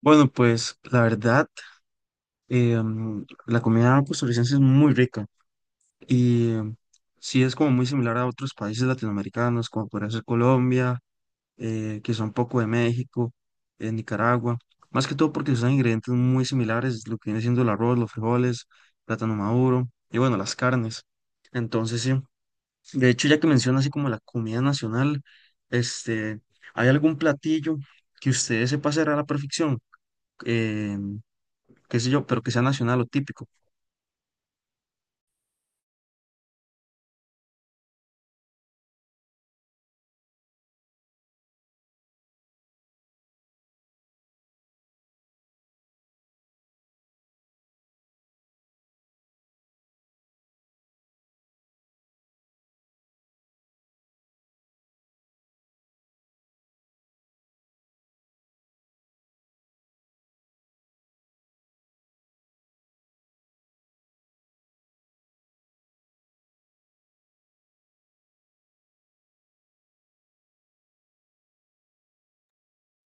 Bueno, pues la verdad, la comida costarricense es muy rica y sí es como muy similar a otros países latinoamericanos, como podría ser Colombia, quizá un poco de México, Nicaragua, más que todo porque usan ingredientes muy similares, lo que viene siendo el arroz, los frijoles, plátano maduro y bueno, las carnes. Entonces, sí, de hecho, ya que menciona así como la comida nacional, este, ¿hay algún platillo que ustedes se pasará a la perfección? Em, qué sé yo, pero que sea nacional o típico.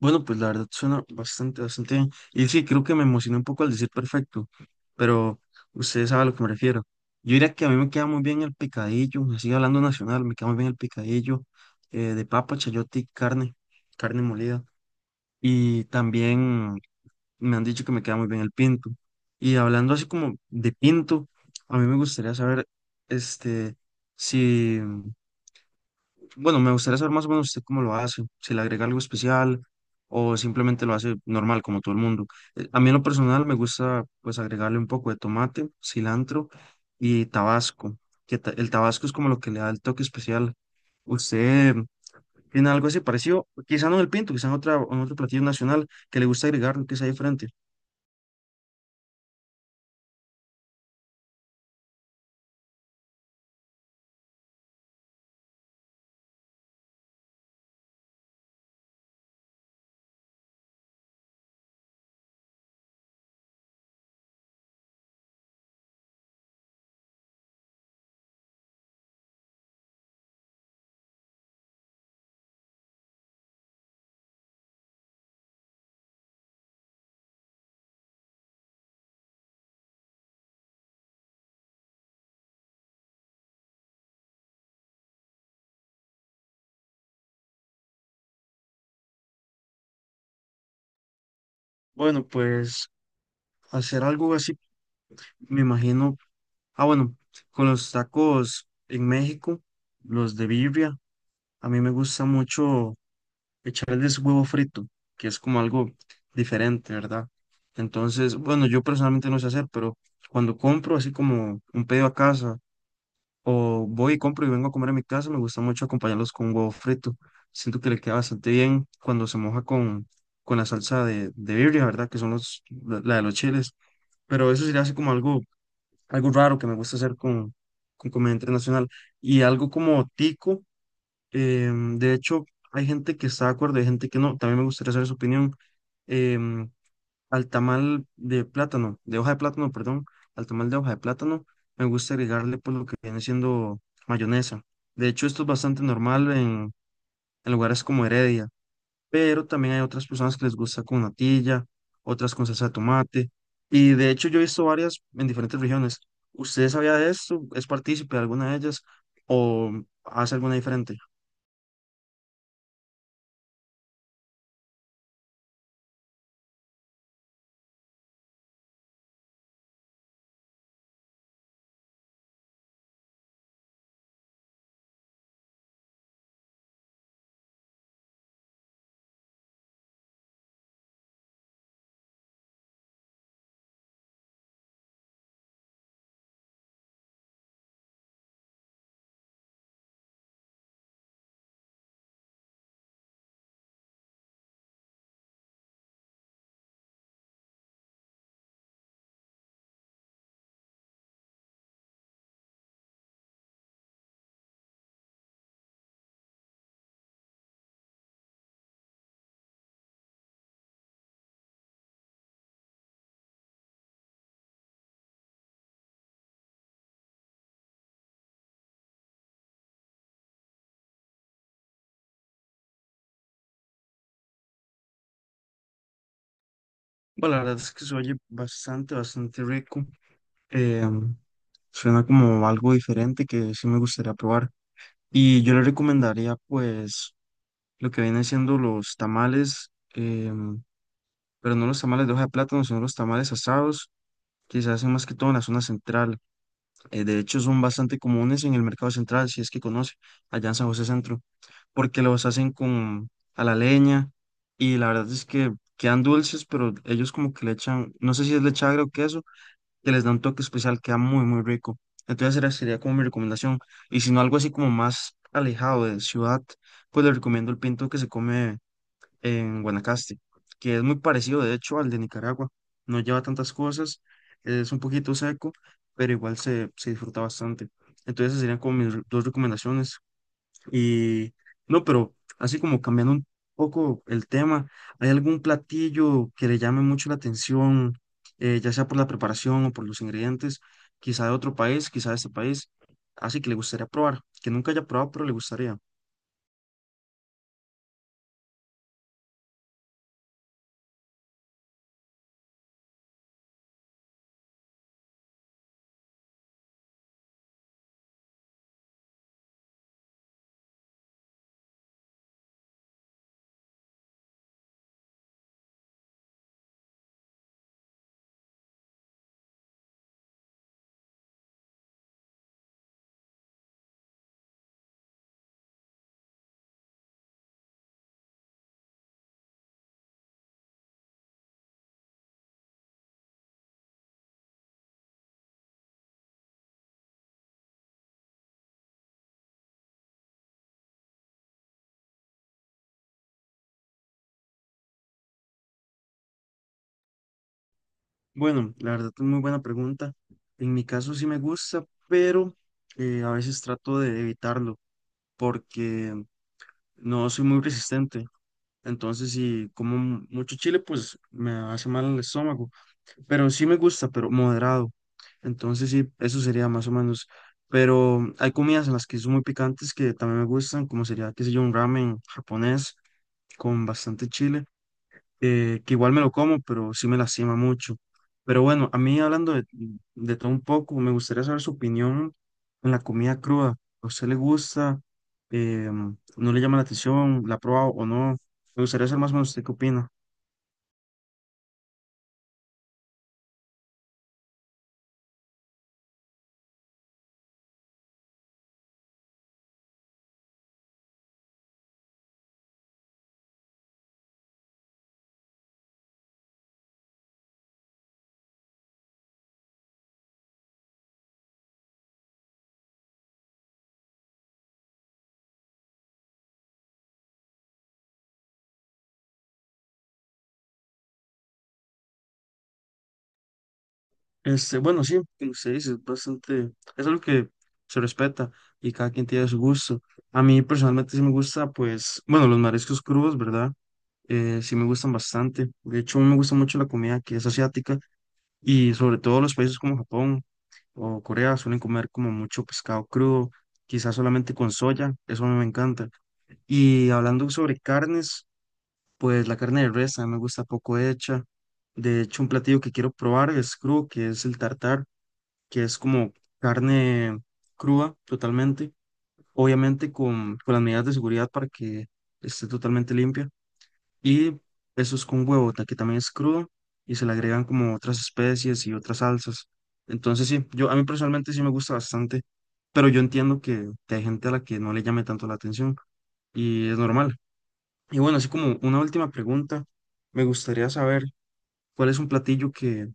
Bueno, pues la verdad suena bastante, bastante bien. Y sí, creo que me emocioné un poco al decir perfecto, pero ustedes saben a lo que me refiero. Yo diría que a mí me queda muy bien el picadillo, así hablando nacional, me queda muy bien el picadillo de papa, chayote y carne, carne molida. Y también me han dicho que me queda muy bien el pinto. Y hablando así como de pinto, a mí me gustaría saber, este, si... Bueno, me gustaría saber más o menos usted cómo lo hace, si le agrega algo especial o simplemente lo hace normal como todo el mundo. A mí en lo personal me gusta pues agregarle un poco de tomate, cilantro y tabasco, el tabasco es como lo que le da el toque especial. ¿Usted tiene algo así parecido? Quizá no en el pinto, quizá en otra, en otro platillo nacional que le gusta agregar, que sea diferente. Bueno, pues hacer algo así, me imagino. Ah, bueno, con los tacos en México, los de birria. A mí me gusta mucho echarles huevo frito, que es como algo diferente, ¿verdad? Entonces, bueno, yo personalmente no sé hacer, pero cuando compro así como un pedido a casa o voy y compro y vengo a comer a mi casa, me gusta mucho acompañarlos con huevo frito. Siento que le queda bastante bien cuando se moja con la salsa de birria, ¿verdad? Que son los, la de los chiles. Pero eso sería así como algo, algo raro que me gusta hacer con comida internacional. Y algo como tico. De hecho, hay gente que está de acuerdo, hay gente que no. También me gustaría saber su opinión. Em, al tamal de plátano, de hoja de plátano, perdón, al tamal de hoja de plátano, me gusta agregarle pues lo que viene siendo mayonesa. De hecho, esto es bastante normal en lugares como Heredia, pero también hay otras personas que les gusta con natilla, otras con salsa de tomate. Y de hecho, yo he visto varias en diferentes regiones. ¿Usted sabía de esto? ¿Es partícipe de alguna de ellas o hace alguna diferente? Bueno, la verdad es que se oye bastante, bastante rico. Eh, suena como algo diferente que sí me gustaría probar. Y yo le recomendaría, pues, lo que vienen siendo los tamales, pero no los tamales de hoja de plátano, sino los tamales asados, que se hacen más que todo en la zona central. De hecho, son bastante comunes en el mercado central, si es que conoce, allá en San José Centro, porque los hacen con a la leña y la verdad es que quedan dulces, pero ellos como que le echan, no sé si es leche agria o queso que les da un toque especial, queda muy, muy rico. Entonces esa sería como mi recomendación. Y si no algo así como más alejado de ciudad, pues les recomiendo el pinto que se come en Guanacaste, que es muy parecido de hecho al de Nicaragua. No lleva tantas cosas, es un poquito seco, pero igual se, se disfruta bastante. Entonces esas serían como mis dos recomendaciones. Y no, pero así como cambiando un poco el tema, ¿hay algún platillo que le llame mucho la atención, ya sea por la preparación o por los ingredientes, quizá de otro país, quizá de este país, así que le gustaría probar, que nunca haya probado, pero le gustaría? Bueno, la verdad es muy buena pregunta. En mi caso sí me gusta, pero a veces trato de evitarlo porque no soy muy resistente. Entonces, si como mucho chile, pues me hace mal el estómago. Pero sí me gusta, pero moderado. Entonces sí, eso sería más o menos. Pero hay comidas en las que son muy picantes que también me gustan, como sería, qué sé yo, un ramen japonés con bastante chile, que igual me lo como, pero sí me lastima mucho. Pero bueno, a mí hablando de todo un poco, me gustaría saber su opinión en la comida cruda. ¿A usted le gusta? ¿No le llama la atención? ¿La ha probado o no? Me gustaría saber más o menos usted qué opina. Bueno, sí, como usted dice, es bastante, es algo que se respeta y cada quien tiene su gusto. A mí personalmente sí me gusta, pues, bueno, los mariscos crudos, ¿verdad? Sí me gustan bastante. De hecho, a mí me gusta mucho la comida que es asiática y sobre todo los países como Japón o Corea suelen comer como mucho pescado crudo, quizás solamente con soya, eso a mí me encanta. Y hablando sobre carnes, pues la carne de res a mí me gusta poco hecha. De hecho, un platillo que quiero probar es crudo, que es el tartar que es como carne cruda totalmente, obviamente con las medidas de seguridad para que esté totalmente limpia. Y eso es con huevo, que también es crudo y se le agregan como otras especies y otras salsas. Entonces sí, yo a mí personalmente sí me gusta bastante, pero yo entiendo que hay gente a la que no le llame tanto la atención y es normal. Y bueno, así como una última pregunta, me gustaría saber cuál es un platillo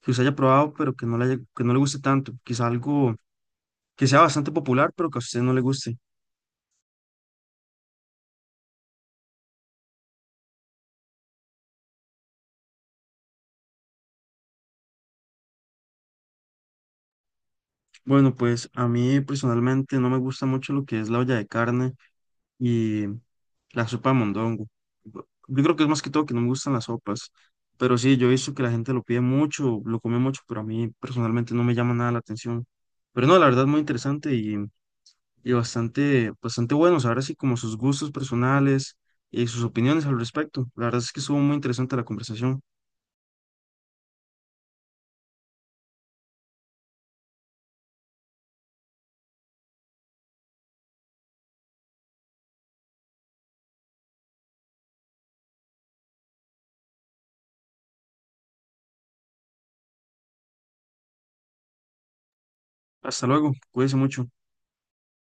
que usted haya probado, pero que que no le guste tanto, quizá algo que sea bastante popular, pero que a usted no le guste. Bueno, pues a mí personalmente no me gusta mucho lo que es la olla de carne y la sopa de mondongo. Yo creo que es más que todo que no me gustan las sopas, pero sí, yo he visto que la gente lo pide mucho, lo come mucho, pero a mí personalmente no me llama nada la atención. Pero no, la verdad es muy interesante y bastante, bastante bueno, saber así como sus gustos personales y sus opiniones al respecto. La verdad es que estuvo muy interesante la conversación. Hasta luego, cuídense mucho.